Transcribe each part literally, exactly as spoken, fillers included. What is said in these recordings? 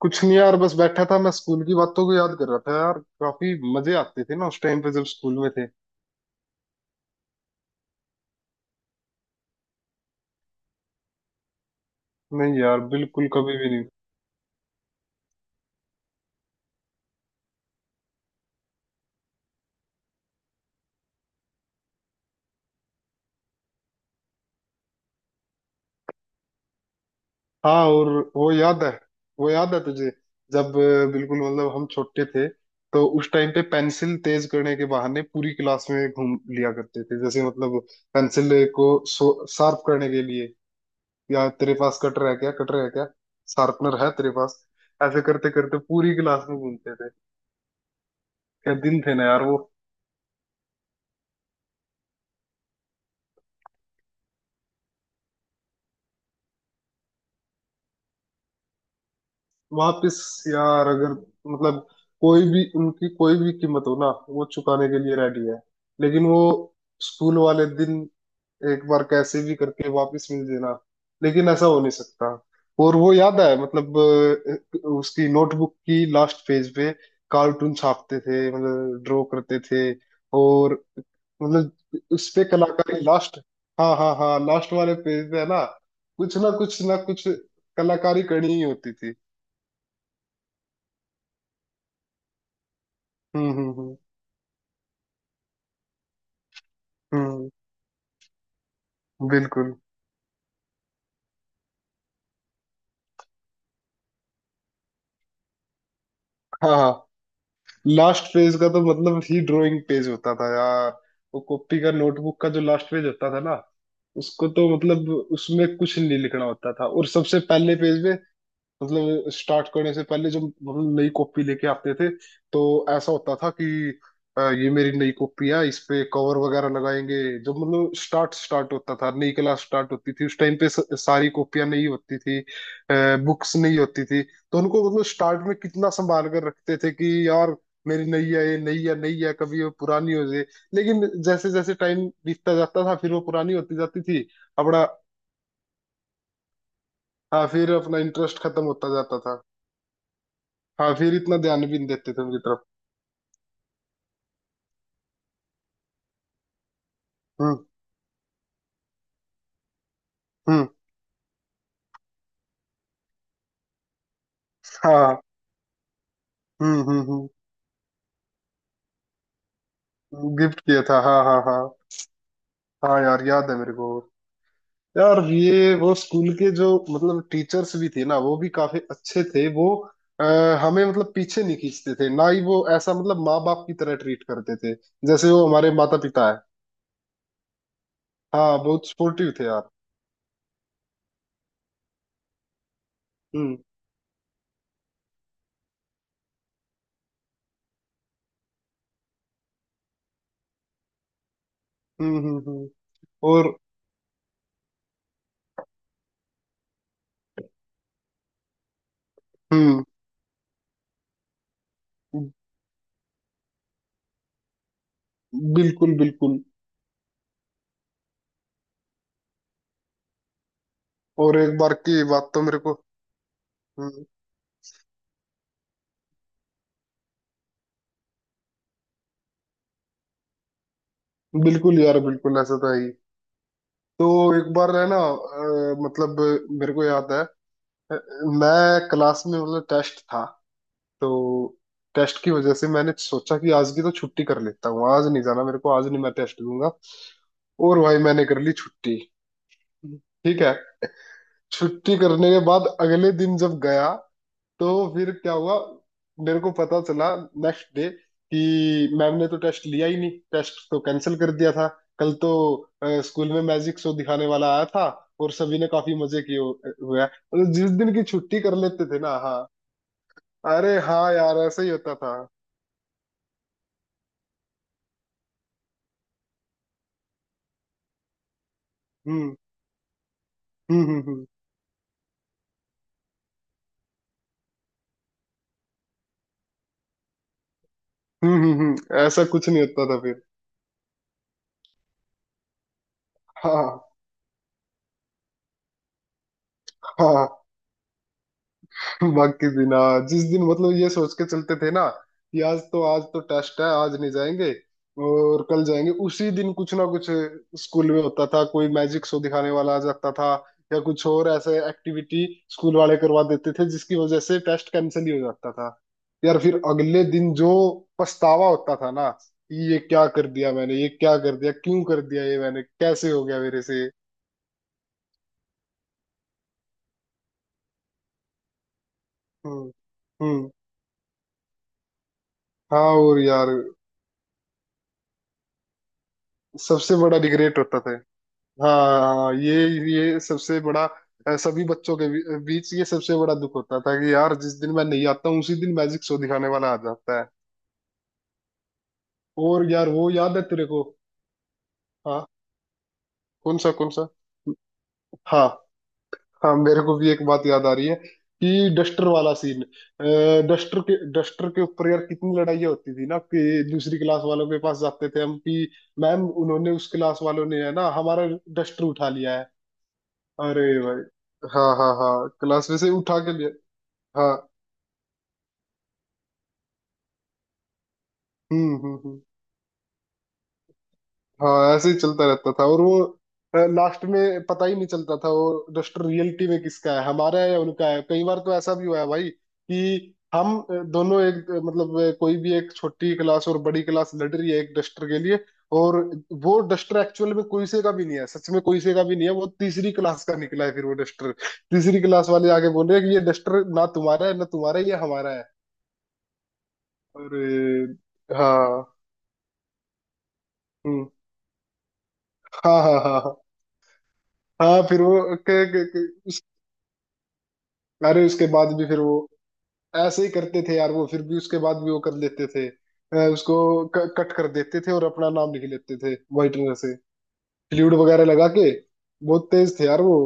कुछ नहीं यार। बस बैठा था, मैं स्कूल की बातों को याद कर रहा था यार। काफी मजे आते थे ना उस टाइम पे जब स्कूल में थे। नहीं यार, बिल्कुल कभी भी नहीं। हाँ और वो याद है, वो याद है तुझे जब अ, बिल्कुल मतलब हम छोटे थे तो उस टाइम पे पेंसिल तेज करने के बहाने पूरी क्लास में घूम लिया करते थे, जैसे मतलब। पेंसिल को शार्प करने के लिए या तेरे पास कटर है क्या, कटर है क्या, शार्पनर है तेरे पास? ऐसे करते करते पूरी क्लास में घूमते थे। क्या दिन थे ना यार वो। वापस यार अगर मतलब कोई भी उनकी कोई भी कीमत हो ना, वो चुकाने के लिए रेडी है। लेकिन वो स्कूल वाले दिन एक बार कैसे भी करके वापस मिल देना। लेकिन ऐसा हो नहीं सकता। और वो याद है, मतलब अ, उसकी नोटबुक की लास्ट पेज पे कार्टून छापते थे, मतलब ड्रॉ करते थे। और मतलब उस पे कलाकारी, लास्ट। हाँ हाँ हाँ, लास्ट वाले पेज पे है ना। कुछ ना कुछ ना कुछ कलाकारी करनी ही होती थी। हम्म हम्म हम्म। हम्म, बिल्कुल। हाँ हाँ, लास्ट पेज का तो मतलब ही ड्राइंग पेज होता था यार। वो कॉपी का, नोटबुक का जो लास्ट पेज होता था ना, उसको तो मतलब उसमें कुछ नहीं लिखना होता था। और सबसे पहले पेज में मतलब स्टार्ट करने से पहले जब मतलब नई कॉपी लेके आते थे तो ऐसा होता था कि अ, ये मेरी नई कॉपी है, इस पे कवर वगैरह लगाएंगे। जब मतलब स्टार्ट स्टार्ट होता था, नई क्लास स्टार्ट होती थी, उस टाइम पे स- सारी कॉपियां नहीं होती थी, बुक्स नहीं होती थी। तो उनको मतलब स्टार्ट में कितना संभाल कर रखते थे कि यार मेरी नई है, ये नई है, नई है, कभी वो पुरानी हो जाए। लेकिन जैसे जैसे टाइम बीतता जाता था फिर वो पुरानी होती जाती थी। अपना। हाँ फिर अपना इंटरेस्ट खत्म होता जाता था। हाँ फिर इतना ध्यान भी नहीं देते थे उनकी तरफ। हम्म हम्म। हाँ। हम्म हम्म हम्म। गिफ्ट किया था, हाँ हाँ हाँ। हाँ यार, याद है मेरे को। यार ये वो स्कूल के जो मतलब टीचर्स भी थे ना, वो भी काफी अच्छे थे वो आ, हमें मतलब पीछे नहीं खींचते थे, ना ही वो ऐसा मतलब, माँ बाप की तरह ट्रीट करते थे जैसे वो हमारे माता पिता है। हाँ बहुत सपोर्टिव थे यार। हम्म हम्म हम्म। हम्म और। हम्म। बिल्कुल बिल्कुल। और एक बार की बात तो मेरे को। हम्म, बिल्कुल यार, बिल्कुल ऐसा था ही। तो एक बार है ना अ, मतलब मेरे को याद है, मैं क्लास में मतलब टेस्ट था। तो टेस्ट की वजह से मैंने सोचा कि आज की तो छुट्टी कर लेता हूँ, आज नहीं जाना मेरे को, आज नहीं, मैं टेस्ट दूंगा। और भाई मैंने कर ली छुट्टी। ठीक है। छुट्टी करने के बाद अगले दिन जब गया तो फिर क्या हुआ, मेरे को पता चला नेक्स्ट डे कि मैम ने तो टेस्ट लिया ही नहीं, टेस्ट तो कैंसिल कर दिया था। कल तो स्कूल में मैजिक शो दिखाने वाला आया था और सभी ने काफी मजे किए हु- हुए हैं, और जिस दिन की छुट्टी कर लेते थे ना, हाँ। अरे हाँ यार, ऐसा ही होता था। हम्म हम्म हम्म हम्म हम्म हम्म। हम्म, ऐसा कुछ नहीं होता था फिर। हाँ हाँ। बाकी दिन, हाँ, जिस दिन मतलब ये सोच के चलते थे ना कि आज तो, आज तो टेस्ट है, आज नहीं जाएंगे और कल जाएंगे, उसी दिन कुछ ना कुछ स्कूल में होता था, कोई मैजिक शो दिखाने वाला आ जाता था या कुछ और ऐसे एक्टिविटी स्कूल वाले करवा देते थे, जिसकी वजह से टेस्ट कैंसिल ही हो जाता था। यार फिर अगले दिन जो पछतावा होता था ना कि ये क्या कर दिया मैंने, ये क्या कर दिया, क्यों कर दिया ये मैंने, कैसे हो गया मेरे से। हम्म हम्म। हाँ और यार, सबसे बड़ा रिग्रेट होता था। हाँ ये ये सबसे बड़ा अ, सभी बच्चों के बी- बीच ये सबसे बड़ा दुख होता था कि यार जिस दिन मैं नहीं आता हूँ उसी दिन मैजिक शो दिखाने वाला आ जाता है। और यार वो याद है तेरे को? हाँ। कौन सा, कौन सा? हाँ हाँ, मेरे को भी एक बात याद आ रही है कि डस्टर वाला सीन। डस्टर के, डस्टर के ऊपर यार कितनी लड़ाइयाँ होती थी ना कि दूसरी क्लास वालों के पास जाते थे हम कि मैम, उन्होंने, उस क्लास वालों ने है ना, हमारा डस्टर उठा लिया है। अरे भाई। हाँ हाँ हाँ, क्लास में से उठा के लिया। हाँ। हम्म हम्म हम्म। हाँ ऐसे ही चलता रहता था। और वो लास्ट में पता ही नहीं चलता था वो डस्टर रियलिटी में किसका है, हमारा है या उनका है। कई बार तो ऐसा भी हुआ है भाई कि हम अ, दोनों, एक अ, मतलब अ, कोई भी एक छोटी क्लास और बड़ी क्लास लड़ रही है एक डस्टर के लिए, और वो डस्टर एक्चुअल में कोई से का भी नहीं है, सच में कोई से का भी नहीं है, वो तीसरी क्लास का निकला है फिर वो डस्टर। तीसरी क्लास वाले आगे बोल रहे हैं कि ये डस्टर ना तुम्हारा है ना तुम्हारा है, ये हमारा है। और अ, हाँ। हम्म। हाँ हाँ हाँ हाँ। हाँ फिर वो के, के, के, उस, अरे उसके बाद भी फिर वो ऐसे ही करते थे यार, वो फिर भी उसके बाद भी वो कर लेते थे अ, उसको क, कट कर देते थे और अपना नाम लिख लेते थे व्हाइटनर से, फ्लूइड वगैरह लगा के। बहुत तेज थे यार वो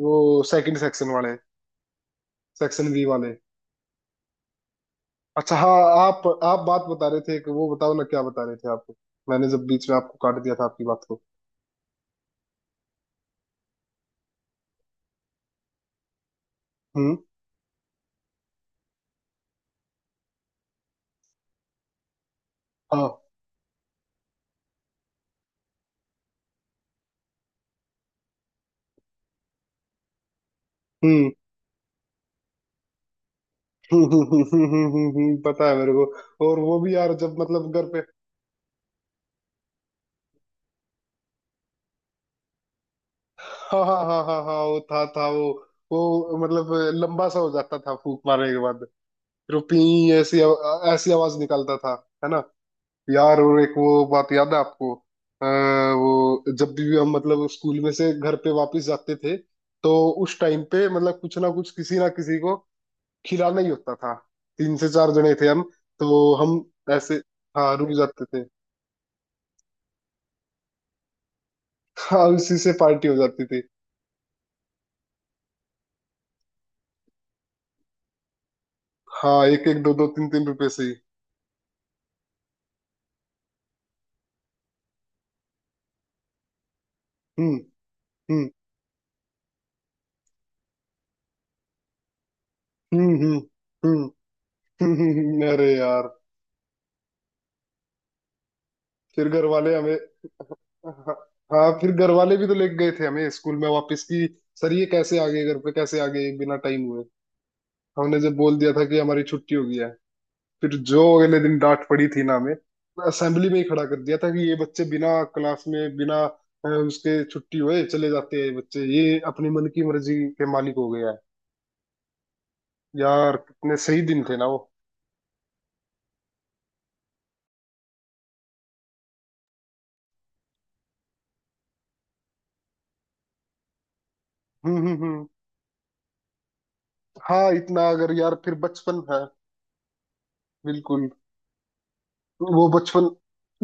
वो सेकंड सेक्शन वाले, सेक्शन बी वाले। अच्छा हाँ। आप आप बात बता रहे थे कि वो, बताओ ना क्या बता रहे थे आप, मैंने जब बीच में आपको काट दिया था आपकी बात को। हम्म। हाँ। हम्म। पता है मेरे को। और वो भी यार जब मतलब घर पे। हाँ हाँ हाँ हाँ हाँ, वो था था वो वो मतलब लंबा सा हो जाता था फूक मारने के बाद। फिर वो पी, ऐसी आव- ऐसी आवाज निकालता था, है ना। यार और एक वो बात याद है आपको आ, वो जब भी हम मतलब स्कूल में से घर पे वापस जाते थे तो उस टाइम पे मतलब कुछ ना कुछ किसी ना किसी को खिलाना ही होता था। तीन से चार जने थे हम। तो हम ऐसे, हाँ, रुक जाते थे। हाँ उसी से पार्टी हो जाती थी। हाँ एक एक दो दो तीन तीन रुपए से ही। हम्म हम्म। हम्म हम्म हम्म। हम्म, हम्म, अरे यार। फिर घर वाले हमें, हाँ, हाँ, फिर घर वाले भी तो लेके गए थे हमें स्कूल में वापस की सर, ये कैसे आ गए घर पे, कैसे आ गए बिना टाइम हुए? हमने जब बोल दिया था कि हमारी छुट्टी हो गई है। फिर जो अगले दिन डांट पड़ी थी ना हमें, असेंबली में ही खड़ा कर दिया था कि ये बच्चे बिना क्लास में, बिना अ, उसके, छुट्टी हुए चले जाते हैं, ये बच्चे ये अपनी मन की मर्जी के मालिक हो गया है। यार कितने सही दिन थे ना वो। हम्म हम्म हम्म। हाँ इतना अगर, यार फिर बचपन है। बिल्कुल। वो बचपन,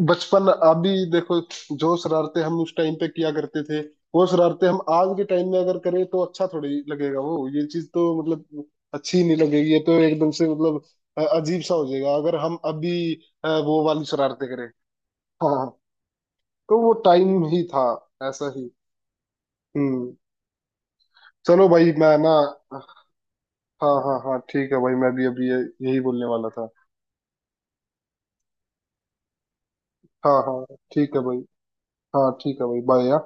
बचपन अभी देखो, जो शरारते हम उस टाइम पे किया करते थे, वो शरारते हम आज के टाइम में अगर करें तो अच्छा थोड़ी लगेगा वो, ये चीज तो मतलब अच्छी नहीं लगेगी, ये तो एकदम से मतलब अ- अजीब सा हो जाएगा अगर हम अभी अ, वो वाली शरारते करें। हाँ हाँ, तो वो टाइम ही था ऐसा ही। हम्म। चलो भाई, मैं ना, हाँ हाँ हाँ, ठीक है भाई, मैं भी अभी ये- यही बोलने वाला था। हाँ हाँ ठीक है भाई। हाँ ठीक है भाई, बाय।